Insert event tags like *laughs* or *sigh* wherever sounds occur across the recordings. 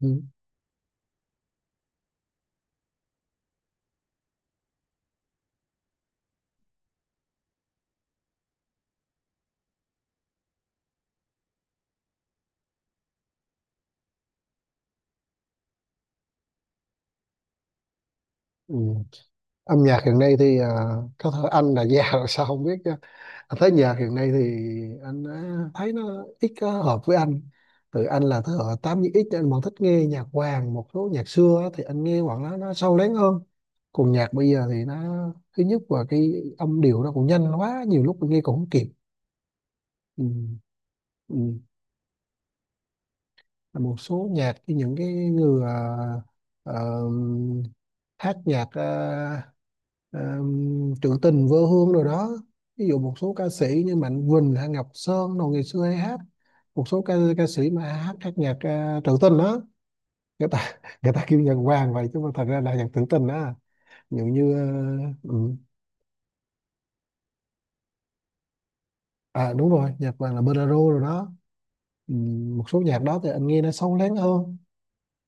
Ừ. Ừ. Âm nhạc hiện nay thì có thể anh là già rồi sao không biết chứ anh thấy nhạc hiện nay thì anh á, thấy nó ít có hợp với anh. Từ anh là thế hệ 8X, anh vẫn thích nghe nhạc vàng, một số nhạc xưa á, thì anh nghe khoảng nó sâu lắng hơn. Còn nhạc bây giờ thì nó thứ nhất là cái âm điệu nó cũng nhanh quá, nhiều lúc mình nghe cũng không kịp. Ừ. Ừ. Một số nhạc, những cái người ờ, hát nhạc ờ, trữ tình vô hương rồi đó. Ví dụ một số ca sĩ như Mạnh Quỳnh hay Ngọc Sơn đồ ngày xưa hay hát, một số ca ca sĩ mà hát hát nhạc trữ tình đó, người ta *laughs* người ta kêu nhạc vàng vậy chứ mà thật ra là nhạc trữ tình đó. Ví dụ như ừ. À đúng rồi, nhạc vàng là bolero rồi đó. Ừ. Một số nhạc đó thì anh nghe nó sâu lắng hơn.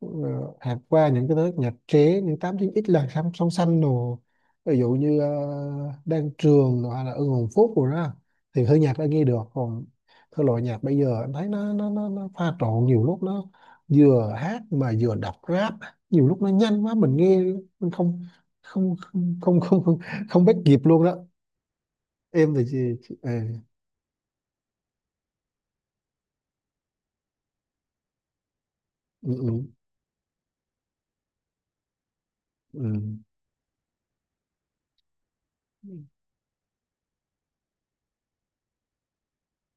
ờ, Hạt qua những cái thứ nhật chế những 89X là song song xanh đồ, ví dụ như Đan Trường rồi hay là Ưng Hồn Phúc rồi đó, thì hơi nhạc đã nghe được. Còn thể loại nhạc bây giờ em thấy nó pha trộn, nhiều lúc nó vừa hát mà vừa đọc rap, nhiều lúc nó nhanh quá mình nghe, mình không không không không không không, không bắt kịp luôn đó. Em thì chị ừ, ừ, ừ,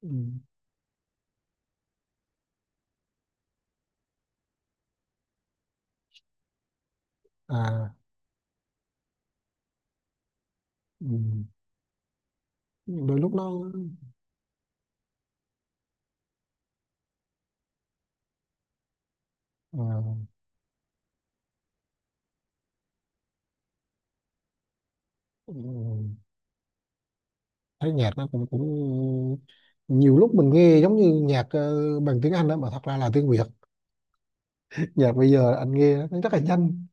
ừ, à ừ. Đôi lúc nó à, ừ. Ừ. Thấy nhạc nó cũng cũng nhiều lúc mình nghe giống như nhạc bằng tiếng Anh đó mà thật ra là tiếng Việt. *laughs* Nhạc bây giờ anh nghe nó rất là nhanh,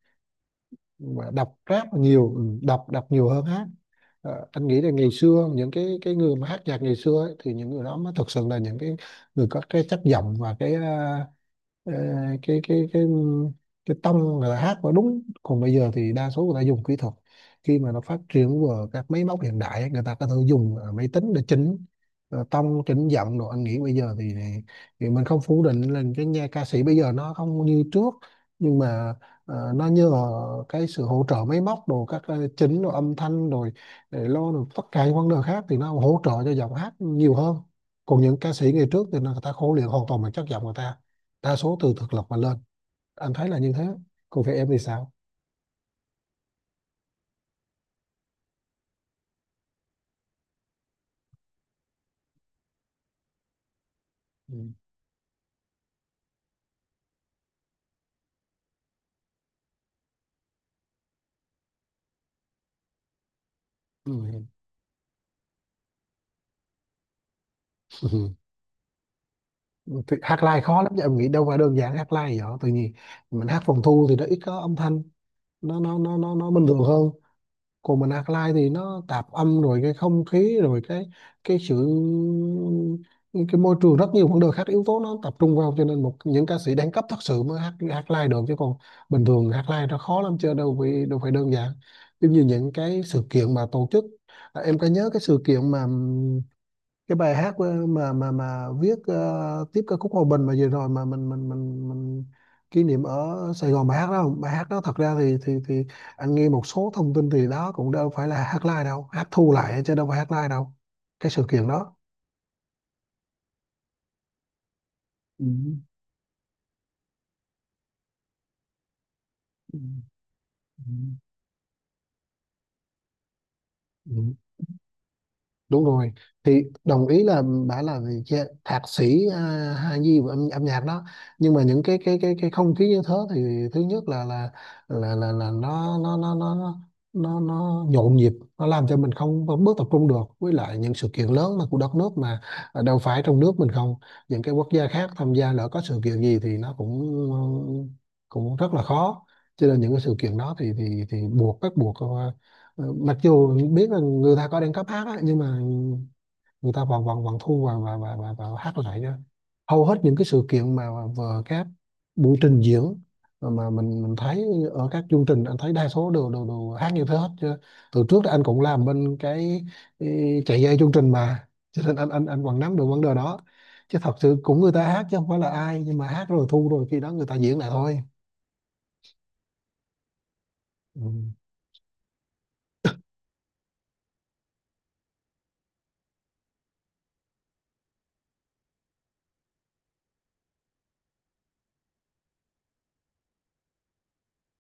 mà đọc rap là nhiều, ừ, đọc đọc nhiều hơn hát. Ờ, anh nghĩ là ngày xưa những cái người mà hát nhạc ngày xưa ấy, thì những người đó mới thực sự là những cái người có cái chất giọng và cái ờ, Ờ, cái cái cái cái tông, người ta hát nó đúng. Còn bây giờ thì đa số người ta dùng kỹ thuật, khi mà nó phát triển vào các máy móc hiện đại ấy, người ta có thể dùng máy tính để chỉnh tông chỉnh giọng rồi. Anh nghĩ bây giờ thì mình không phủ định là cái nhà ca sĩ bây giờ nó không như trước, nhưng mà nó nhờ cái sự hỗ trợ máy móc đồ, các chỉnh đồ âm thanh rồi, để lo được tất cả những vấn đề khác thì nó hỗ trợ cho giọng hát nhiều hơn. Còn những ca sĩ ngày trước thì người ta khổ luyện hoàn toàn bằng chất giọng người ta, đa số từ thực lực mà lên. Anh thấy là như thế. Còn về em thì sao? Ừ. Ừ. Ừ. Thì hát live khó lắm chứ, em nghĩ đâu phải đơn giản. Hát live vậy, tự nhiên mình hát phòng thu thì nó ít có âm thanh, nó bình thường hơn. Còn mình alkaline thì nó tạp âm rồi, cái không khí rồi, cái sự cái môi trường, rất nhiều vấn đề khác, yếu tố nó tập trung vào, cho nên một những ca sĩ đẳng cấp thật sự mới hát hát live được. Chứ còn bình thường hát live nó khó lắm chứ, đâu phải đơn giản. Giống như những cái sự kiện mà tổ chức, à, em có nhớ cái sự kiện mà cái bài hát mà viết tiếp ca khúc Hòa Bình mà vừa rồi mà mình kỷ niệm ở Sài Gòn, bài hát đó, bài hát đó thật ra thì anh nghe một số thông tin thì đó cũng đâu phải là hát live đâu, hát thu lại chứ đâu phải hát live đâu, cái sự kiện đó. Ừ. Ừ. Ừ. Ừ. Đúng rồi, thì đồng ý là bà là vị thạc sĩ Hà Nhi về âm nhạc đó. Nhưng mà những cái không khí như thế thì thứ nhất là là nó nhộn nhịp, nó làm cho mình không không bước tập trung được. Với lại những sự kiện lớn mà của đất nước mà, à, đâu phải trong nước mình không, những cái quốc gia khác tham gia, lỡ có sự kiện gì thì nó cũng cũng rất là khó, cho nên những cái sự kiện đó thì buộc bắt buộc ờ, mặc dù biết là người ta có đang cấp hát á, nhưng mà người ta vẫn vẫn vẫn thu và hát lại đó. Hầu hết những cái sự kiện mà vừa các buổi trình diễn mà mình thấy ở các chương trình, anh thấy đa số đều đều, đều hát như thế hết chứ. Từ trước thì anh cũng làm bên cái chạy dây chương trình mà, cho nên anh vẫn nắm được vấn đề đó. Chứ thật sự cũng người ta hát chứ không phải là ai, nhưng mà hát rồi thu rồi khi đó người ta diễn lại thôi. Ừ.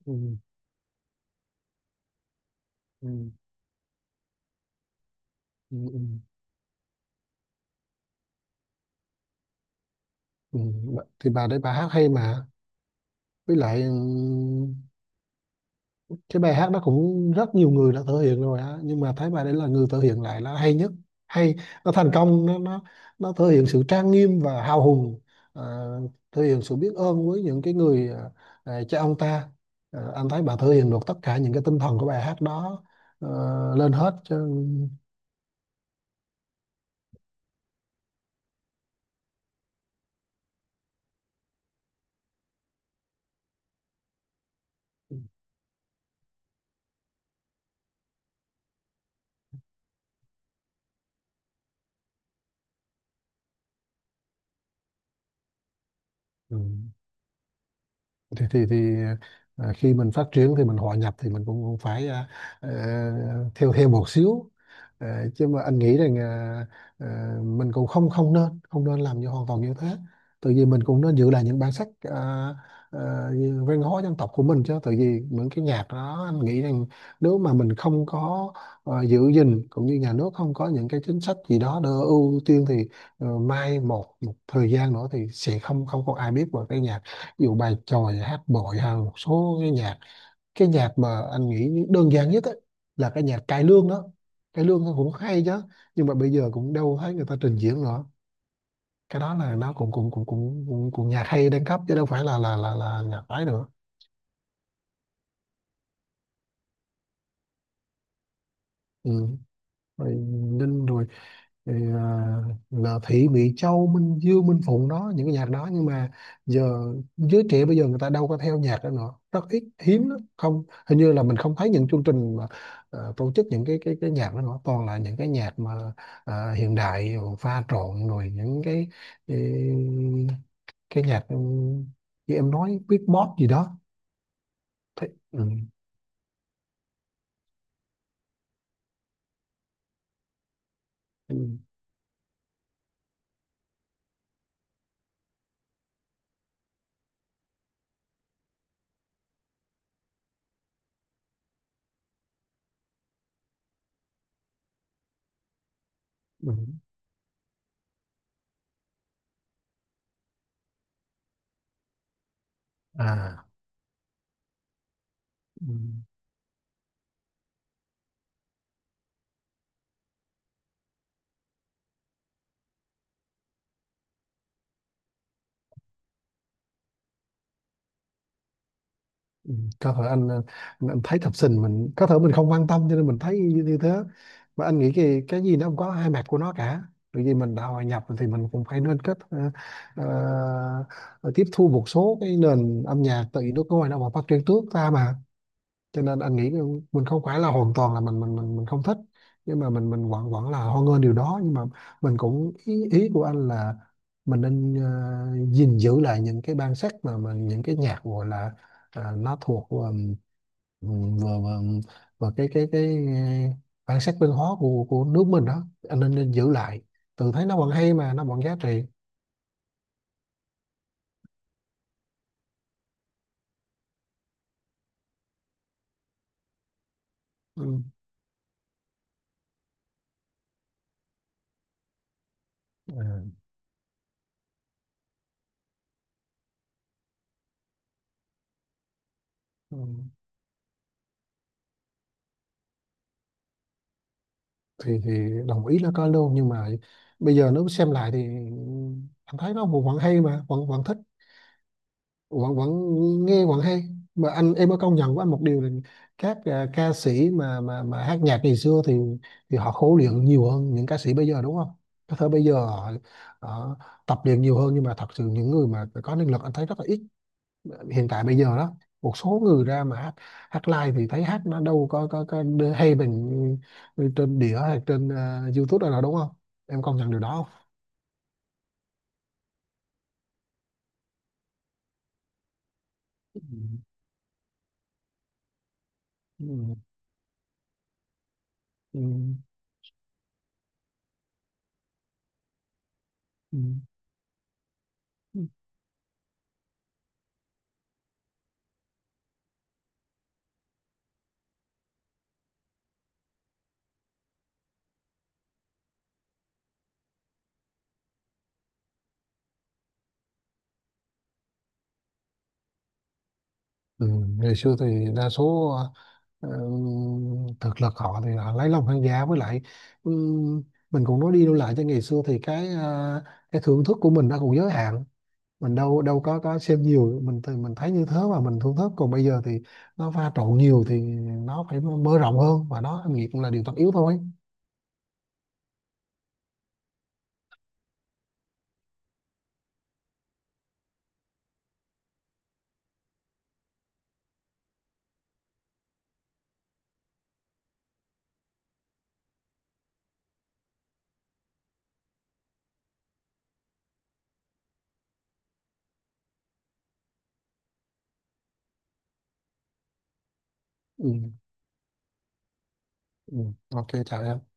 Ừ. Ừ. Ừ. Ừ. Ừ. Thì bà đấy bà hát hay mà, với lại cái bài hát đó cũng rất nhiều người đã thể hiện rồi á, nhưng mà thấy bài đấy là người thể hiện lại là hay nhất, hay, nó thành công, nó nó thể hiện sự trang nghiêm và hào hùng, à, thể hiện sự biết ơn với những cái người à, à, cha ông ta. À, anh thấy bà thể hiện được tất cả những cái tinh thần của bài hát đó lên hết chứ. Ừ. thì à, khi mình phát triển thì mình hòa nhập thì mình cũng cũng phải ờ, theo theo một xíu. Ờ, chứ mà anh nghĩ rằng ờ, mình cũng không không nên không nên làm như hoàn toàn như thế, tự vì mình cũng nên giữ lại những bản sắc, như văn hóa dân tộc của mình chứ. Tự vì những cái nhạc đó anh nghĩ rằng nếu mà mình không có giữ gìn, cũng như nhà nước không có những cái chính sách gì đó để ưu tiên, thì ờ, mai một một thời gian nữa thì sẽ không không có ai biết về cái nhạc. Ví dụ bài chòi, hát bội, hay một số cái nhạc, cái nhạc mà anh nghĩ đơn giản nhất á, là cái nhạc cải lương đó. Cải lương nó cũng hay chứ, nhưng mà bây giờ cũng đâu thấy người ta trình diễn nữa. Cái đó là nó cũng cũng cũng cũng cũng, cũng nhạc hay đang cấp chứ đâu phải là là nhạc ấy nữa. Ừ. Rồi, Ninh rồi. Thì, à, là Thị Mỹ Châu, Minh Dương, Minh Phụng đó, những cái nhạc đó. Nhưng mà giờ giới trẻ bây giờ người ta đâu có theo nhạc đó nữa, rất ít, hiếm lắm, không hình như là mình không thấy những chương trình mà tổ chức những cái nhạc đó nữa, toàn là những cái nhạc mà hiện đại pha trộn, rồi những cái, cái nhạc ừ, như em nói beatbox gì đó. Ừ, ừ, ừ. À ừ. Ừ, có thể anh thấy thập sinh mình có thể mình không quan tâm cho nên mình thấy như thế. Mà anh nghĩ cái gì nó cũng có hai mặt của nó cả, bởi vì mình đã hòa nhập thì mình cũng phải nên kết ờ, tiếp thu một số cái nền âm nhạc, tại vì nước ngoài nó mà phát triển trước ta mà. Cho nên anh nghĩ mình không phải là hoàn toàn là mình không thích, nhưng mà mình vẫn vẫn là hoan nghênh điều đó. Nhưng mà mình cũng ý của anh là mình nên ờ, gìn giữ lại những cái bản sắc mà mình, những cái nhạc gọi là nó thuộc vừa vừa vừa cái ờ, bản sắc văn hóa của nước mình đó, anh nên giữ lại, tự thấy nó vẫn hay mà nó vẫn giá trị. Ừ. Ừ. Ừ. Thì đồng ý là có luôn, nhưng mà bây giờ nếu xem lại thì anh thấy nó vẫn vẫn hay mà vẫn vẫn thích, vẫn vẫn nghe vẫn hay. Mà anh, em có công nhận với anh một điều là các à, ca sĩ mà mà hát nhạc ngày xưa thì họ khổ luyện nhiều hơn những ca sĩ bây giờ đúng không? Có thể bây giờ họ tập luyện nhiều hơn, nhưng mà thật sự những người mà có năng lực anh thấy rất là ít hiện tại bây giờ đó. Một số người ra mà hát live thì thấy hát nó đâu có hay bằng trên đĩa hay trên YouTube đâu, đúng không? Em công nhận điều đó không. Ừ. Ừ. Ừ. Ừ. Ừ. Ngày xưa thì đa số ờ, thực lực họ thì họ lấy lòng khán giả. Với lại ừ, mình cũng nói đi nói lại, cho ngày xưa thì cái cái thưởng thức của mình nó cũng giới hạn, mình đâu đâu có xem nhiều, mình thì mình thấy như thế và mình thưởng thức. Còn bây giờ thì nó pha trộn nhiều thì nó phải mở rộng hơn và nó nghiệp cũng là điều tất yếu thôi. Ừ. Ừ. OK, chào em.